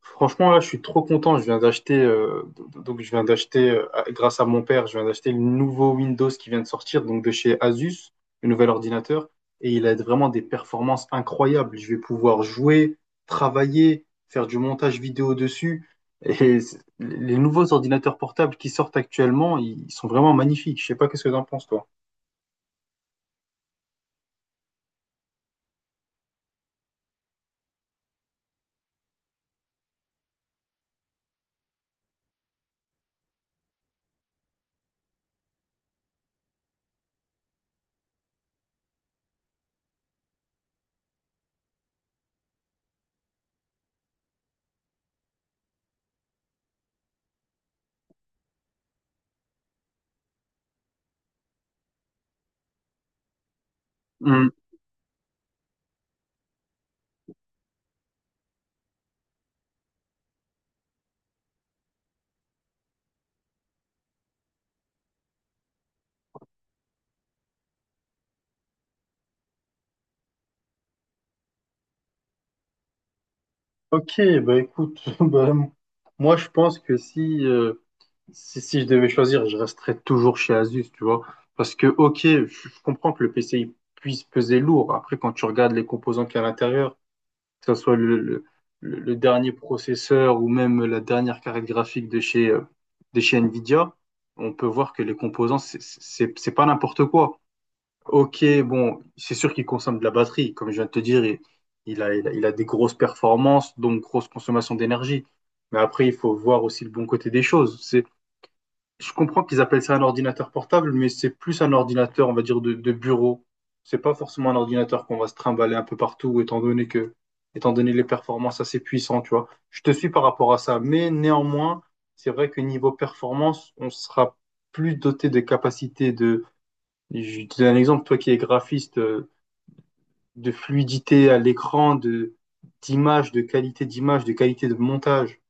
Franchement, là, je suis trop content. Je viens d'acheter, donc je viens d'acheter, grâce à mon père, je viens d'acheter le nouveau Windows qui vient de sortir, donc de chez Asus, le nouvel ordinateur, et il a vraiment des performances incroyables. Je vais pouvoir jouer, travailler, faire du montage vidéo dessus. Les nouveaux ordinateurs portables qui sortent actuellement, ils sont vraiment magnifiques. Je sais pas qu'est-ce que t'en penses, toi. Hmm. Ok, bah écoute, bah, moi je pense que si. Si, si je devais choisir, je resterais toujours chez Asus, tu vois. Parce que, ok, je comprends que le PC il puisse peser lourd. Après, quand tu regardes les composants qu'il y a à l'intérieur, que ce soit le, le dernier processeur ou même la dernière carte graphique de chez Nvidia, on peut voir que les composants, c'est pas n'importe quoi. Ok, bon, c'est sûr qu'il consomme de la batterie. Comme je viens de te dire, il a des grosses performances, donc grosse consommation d'énergie. Mais après, il faut voir aussi le bon côté des choses. Je comprends qu'ils appellent ça un ordinateur portable, mais c'est plus un ordinateur, on va dire, de bureau. C'est pas forcément un ordinateur qu'on va se trimballer un peu partout, étant donné les performances assez puissantes, tu vois. Je te suis par rapport à ça, mais néanmoins, c'est vrai que niveau performance, on sera plus doté de capacités de, je te donne un exemple, toi qui es graphiste, de fluidité à l'écran, de, d'image, de qualité de montage.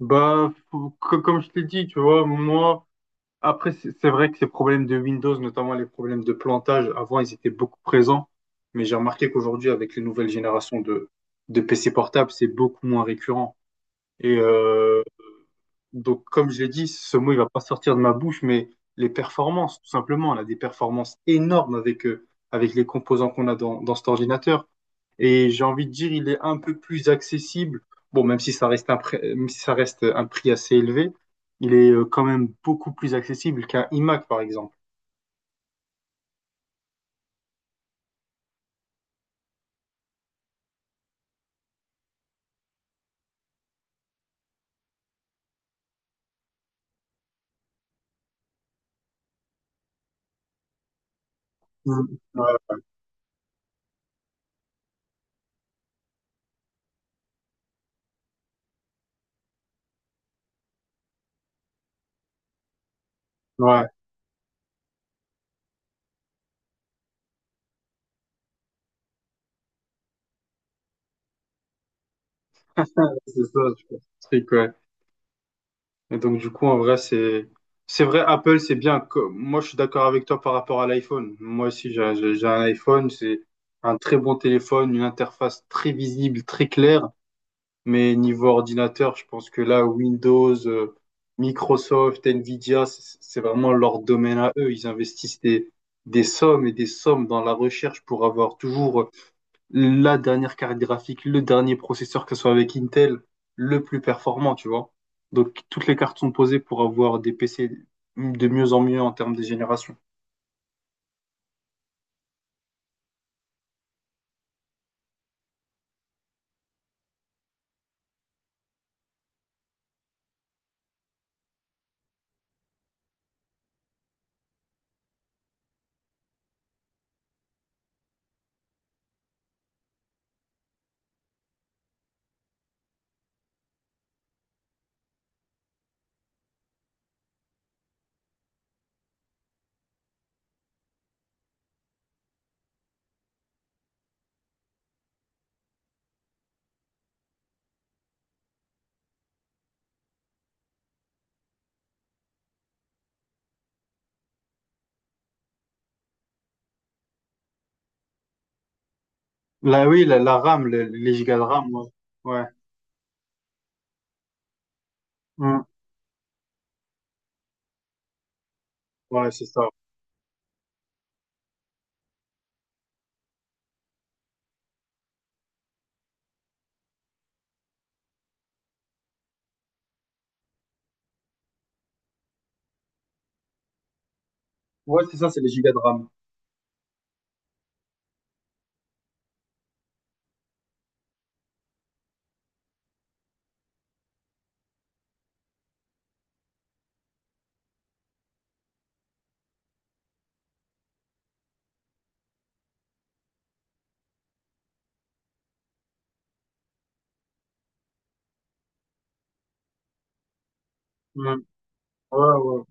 Bah, comme je te l'ai dit, tu vois, moi. Après, c'est vrai que ces problèmes de Windows, notamment les problèmes de plantage, avant, ils étaient beaucoup présents. Mais j'ai remarqué qu'aujourd'hui, avec les nouvelles générations de PC portables, c'est beaucoup moins récurrent. Et euh, donc, comme je l'ai dit, ce mot, il va pas sortir de ma bouche, mais les performances, tout simplement. On a des performances énormes avec, avec les composants qu'on a dans cet ordinateur. Et j'ai envie de dire, il est un peu plus accessible. Bon, même si ça reste un prix assez élevé, il est quand même beaucoup plus accessible qu'un iMac, par exemple. Mm. Ouais, ouais, c'est ça, je pense. C'est que, ouais. Et donc, du coup, en vrai, c'est vrai, Apple, c'est bien. Moi, je suis d'accord avec toi par rapport à l'iPhone. Moi aussi, j'ai un iPhone, c'est un très bon téléphone, une interface très visible, très claire. Mais niveau ordinateur, je pense que là, Windows, Microsoft, Nvidia, c'est vraiment leur domaine à eux. Ils investissent des sommes et des sommes dans la recherche pour avoir toujours la dernière carte graphique, le dernier processeur, que ce soit avec Intel, le plus performant, tu vois. Donc, toutes les cartes sont posées pour avoir des PC de mieux en mieux en termes de génération. Là, oui, la RAM, les gigas de RAM, ouais. Ouais. Mm. Ouais, c'est ça. Ouais, c'est ça, c'est les gigas de RAM. Mm. Ouais, ouais.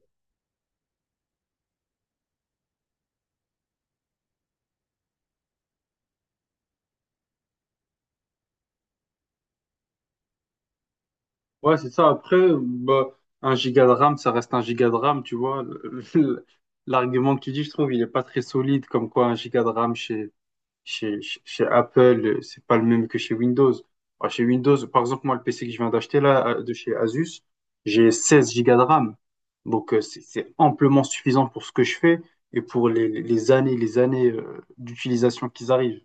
Ouais, c'est ça. Après, bah, un giga de RAM, ça reste un giga de RAM, tu vois. Le- L'argument que tu dis, je trouve, il est pas très solide, comme quoi un giga de RAM chez Apple, c'est pas le même que chez Windows. Bah, chez Windows, par exemple, moi, le PC que je viens d'acheter là, de chez Asus, j'ai 16 gigas de RAM. Donc, c'est amplement suffisant pour ce que je fais et pour les années d'utilisation qui arrivent.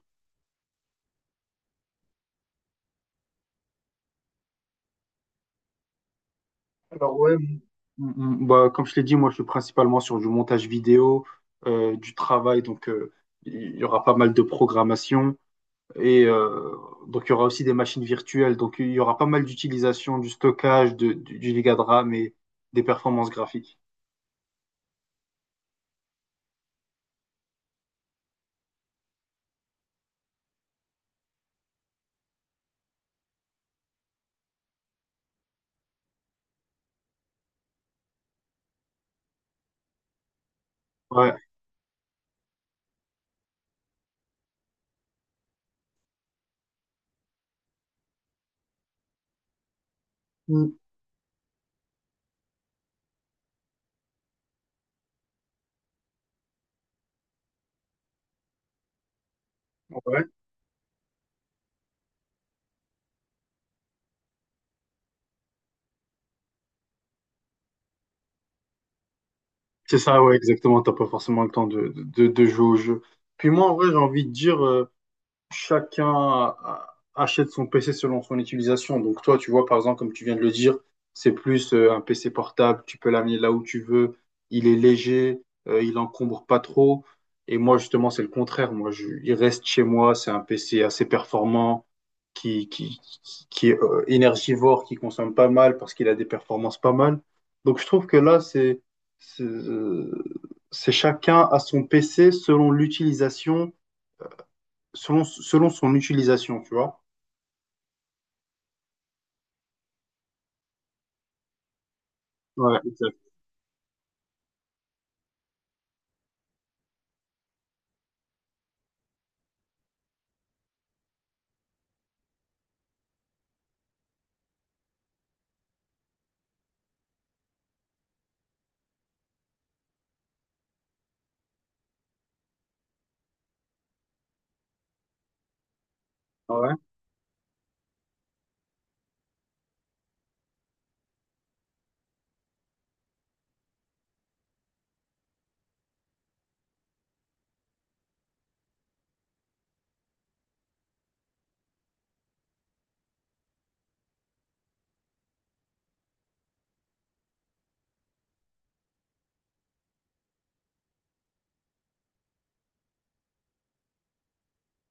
Alors ouais, m- bah, comme je l'ai dit, moi je suis principalement sur du montage vidéo, du travail, donc il y aura pas mal de programmation et donc il y aura aussi des machines virtuelles, donc il y aura pas mal d'utilisation du stockage, du giga de RAM et des performances graphiques. Ouais. Mm. Ouais. C'est ça, ouais, exactement. T'as pas forcément le temps de jouer au jeu. Puis moi, en vrai, j'ai envie de dire, chacun achète son PC selon son utilisation. Donc toi, tu vois, par exemple, comme tu viens de le dire, c'est plus un PC portable, tu peux l'amener là où tu veux, il est léger, il encombre pas trop. Et moi, justement, c'est le contraire. Moi, il reste chez moi, c'est un PC assez performant, qui, qui, qui est énergivore, qui consomme pas mal parce qu'il a des performances pas mal. Donc je trouve que là, c'est euh, c'est chacun à son PC selon l'utilisation. Selon son utilisation, tu vois. Ouais, exact. Ouais.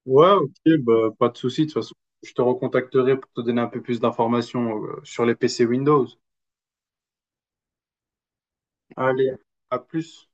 Ouais, ok, bah, pas de souci. De toute façon, je te recontacterai pour te donner un peu plus d'informations sur les PC Windows. Allez, à plus.